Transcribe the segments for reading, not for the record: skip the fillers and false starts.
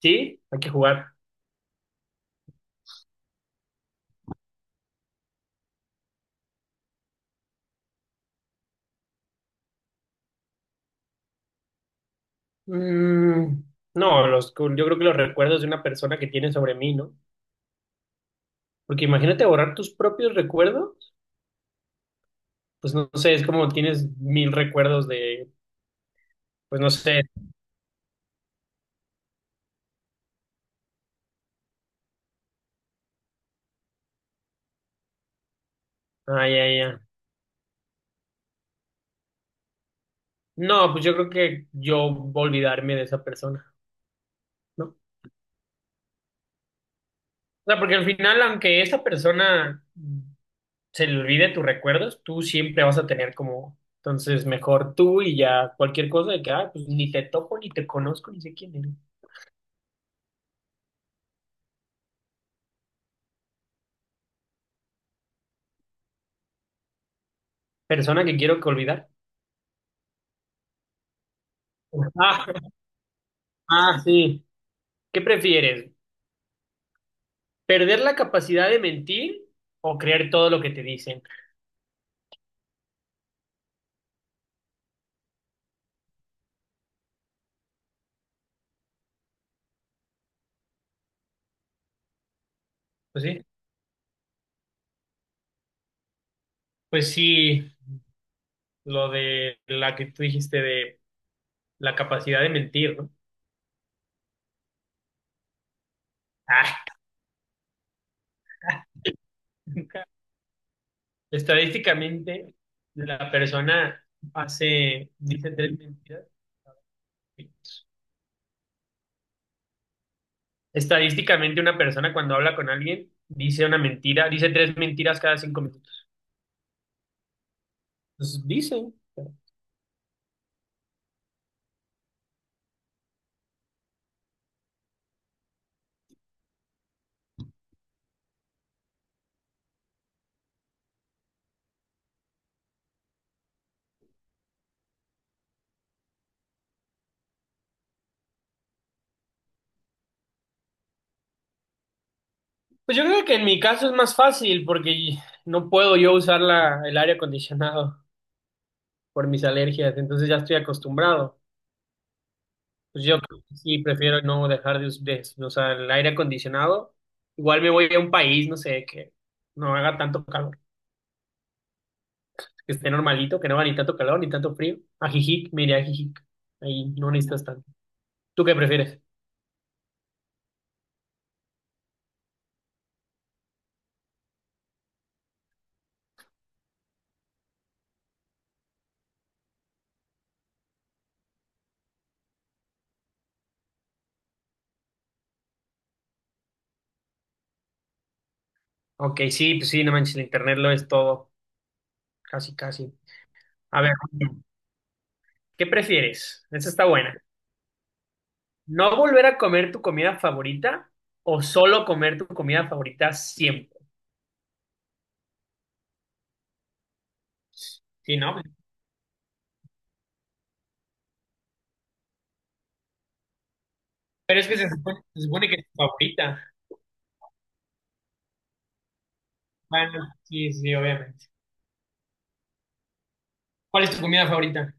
Sí, hay que jugar. Mm, no, los, yo creo que los recuerdos de una persona que tiene sobre mí, ¿no? Porque imagínate borrar tus propios recuerdos. Pues no sé, es como tienes mil recuerdos, pues no sé. Ay, ay, ay. No, pues yo creo que yo voy a olvidarme de esa persona, ¿no? O sea, porque al final, aunque esa persona se le olvide tus recuerdos, tú siempre vas a tener como, entonces mejor tú y ya cualquier cosa de que, ah, pues ni te topo, ni te conozco, ni sé quién eres. Persona que quiero que olvidar. Ah, ah, sí. ¿Qué prefieres? ¿Perder la capacidad de mentir o creer todo lo que te dicen? Pues sí, pues sí, lo de la que tú dijiste de la capacidad de mentir, ¿no? Ah, estadísticamente, la persona dice tres mentiras. Estadísticamente, una persona cuando habla con alguien dice una mentira, dice tres mentiras cada 5 minutos. Pues dice. Pues yo creo que en mi caso es más fácil porque no puedo yo usar el aire acondicionado por mis alergias, entonces ya estoy acostumbrado. Pues yo creo que sí prefiero no dejar de usar el aire acondicionado. Igual me voy a un país, no sé, que no haga tanto calor, que esté normalito, que no haga ni tanto calor ni tanto frío. A Jijic, me iré a Jijic. Ahí no necesitas tanto. ¿Tú qué prefieres? Ok, sí, pues sí, no manches, el internet lo es todo, casi, casi. A ver, ¿qué prefieres? Esa está buena. ¿No volver a comer tu comida favorita o solo comer tu comida favorita siempre? Sí, ¿no? Pero es que se supone que es tu favorita. Bueno, sí, sí, obviamente. ¿Cuál es tu comida favorita?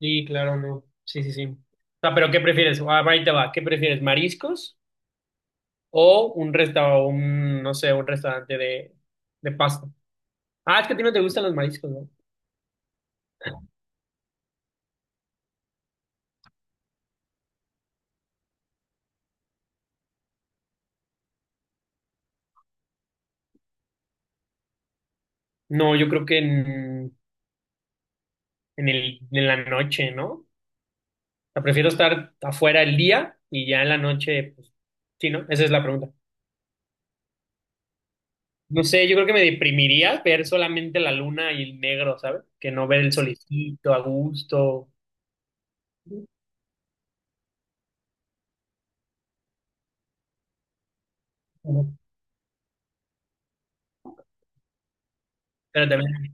Sí, claro, no. Sí, sí, sí. O sea, pero ¿qué prefieres? Ah, ahí te va. ¿Qué prefieres? ¿Mariscos o un restaurante, un, no sé, un restaurante de pasta? Ah, es que a ti no te gustan los mariscos, ¿no? No, yo creo que en la noche, ¿no? O sea, prefiero estar afuera el día y ya en la noche, pues, sí, ¿no? Esa es la pregunta. No sé, yo creo que me deprimiría ver solamente la luna y el negro, ¿sabes? Que no ver el solecito a gusto. Pero también,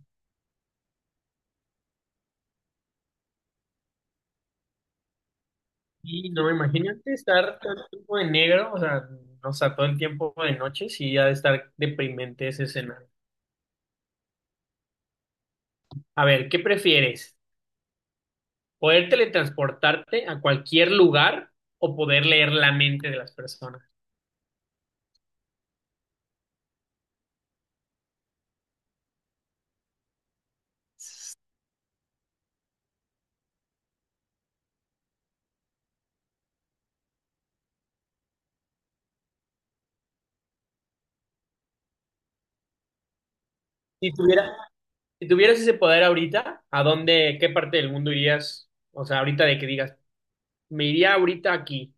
sí, no, imagínate estar todo el tiempo de negro, o sea, todo el tiempo de noche, sí, ha de estar deprimente ese escenario. A ver, ¿qué prefieres? ¿Poder teletransportarte a cualquier lugar o poder leer la mente de las personas? Si tuviera, Si tuvieras ese poder ahorita, ¿a dónde, qué parte del mundo irías? O sea, ahorita de que digas, me iría ahorita aquí.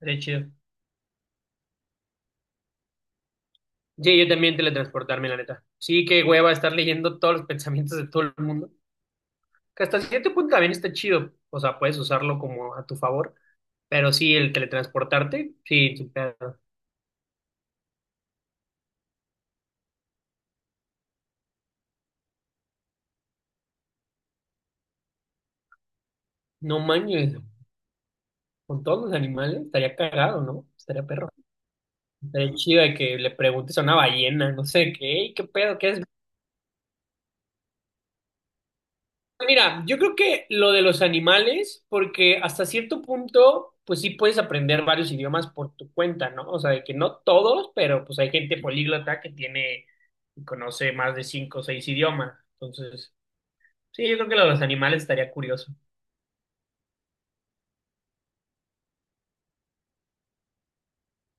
Sería chido. Sí, yo también teletransportarme, la neta. Sí, qué hueva estar leyendo todos los pensamientos de todo el mundo. Que hasta cierto punto también está chido. O sea, puedes usarlo como a tu favor. Pero sí, el teletransportarte, sí, sin pedo. No manches, con todos los animales estaría cagado, ¿no? Estaría perro. Estaría chido de que le preguntes a una ballena, no sé qué, "Ey, qué pedo, qué es". Mira, yo creo que lo de los animales, porque hasta cierto punto, pues sí puedes aprender varios idiomas por tu cuenta, ¿no? O sea, de que no todos, pero pues hay gente políglota que tiene y conoce más de cinco o seis idiomas. Entonces, sí, yo creo que lo de los animales estaría curioso.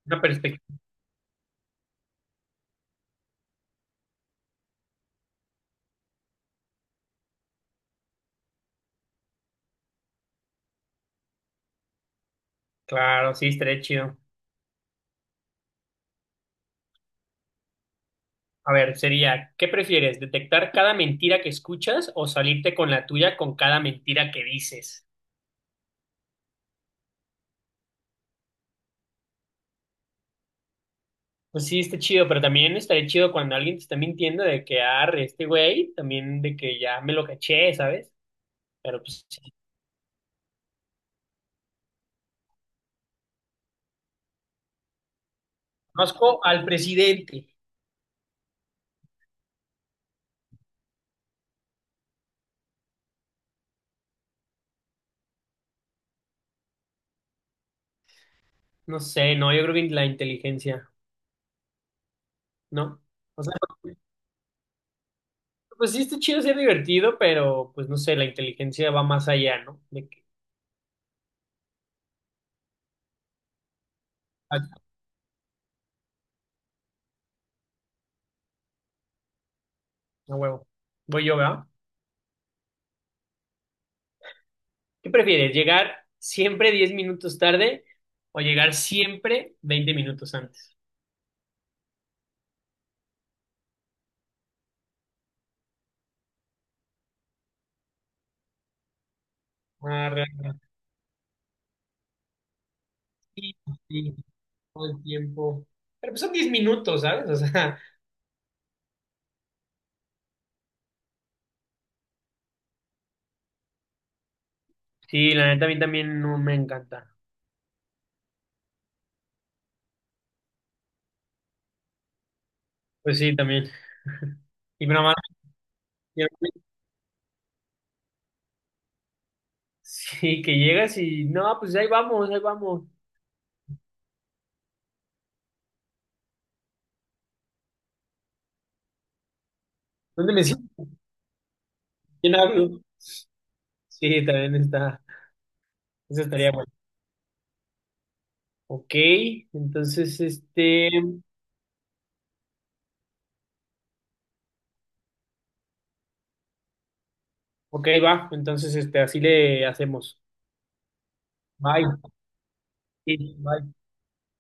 Una perspectiva. Claro, sí, estaría chido. A ver, sería, ¿qué prefieres? ¿Detectar cada mentira que escuchas o salirte con la tuya con cada mentira que dices? Pues sí, está chido, pero también estaría chido cuando alguien te está mintiendo de que arre este güey, también de que ya me lo caché, ¿sabes? Pero pues sí. Conozco al presidente. No sé, no, yo creo que la inteligencia, ¿no? O sea, pues sí está chido ser divertido, pero pues no sé, la inteligencia va más allá, ¿no? De que, ah, a huevo. Voy yo, ¿verdad? ¿Qué prefieres? ¿Llegar siempre 10 minutos tarde o llegar siempre 20 minutos antes? Arre. Sí, sí, todo el tiempo. Pero pues son 10 minutos, ¿sabes? O sea, sí, la neta a mí también no me encanta. Pues sí, también. Y mi mamá, sí, que llegas y no, pues ahí vamos, ahí vamos. ¿Dónde me siento? ¿Quién hablo? Sí, también está. Eso estaría bueno. Ok, entonces este. Ok, va. Entonces este, así le hacemos. Bye. Sí, bye.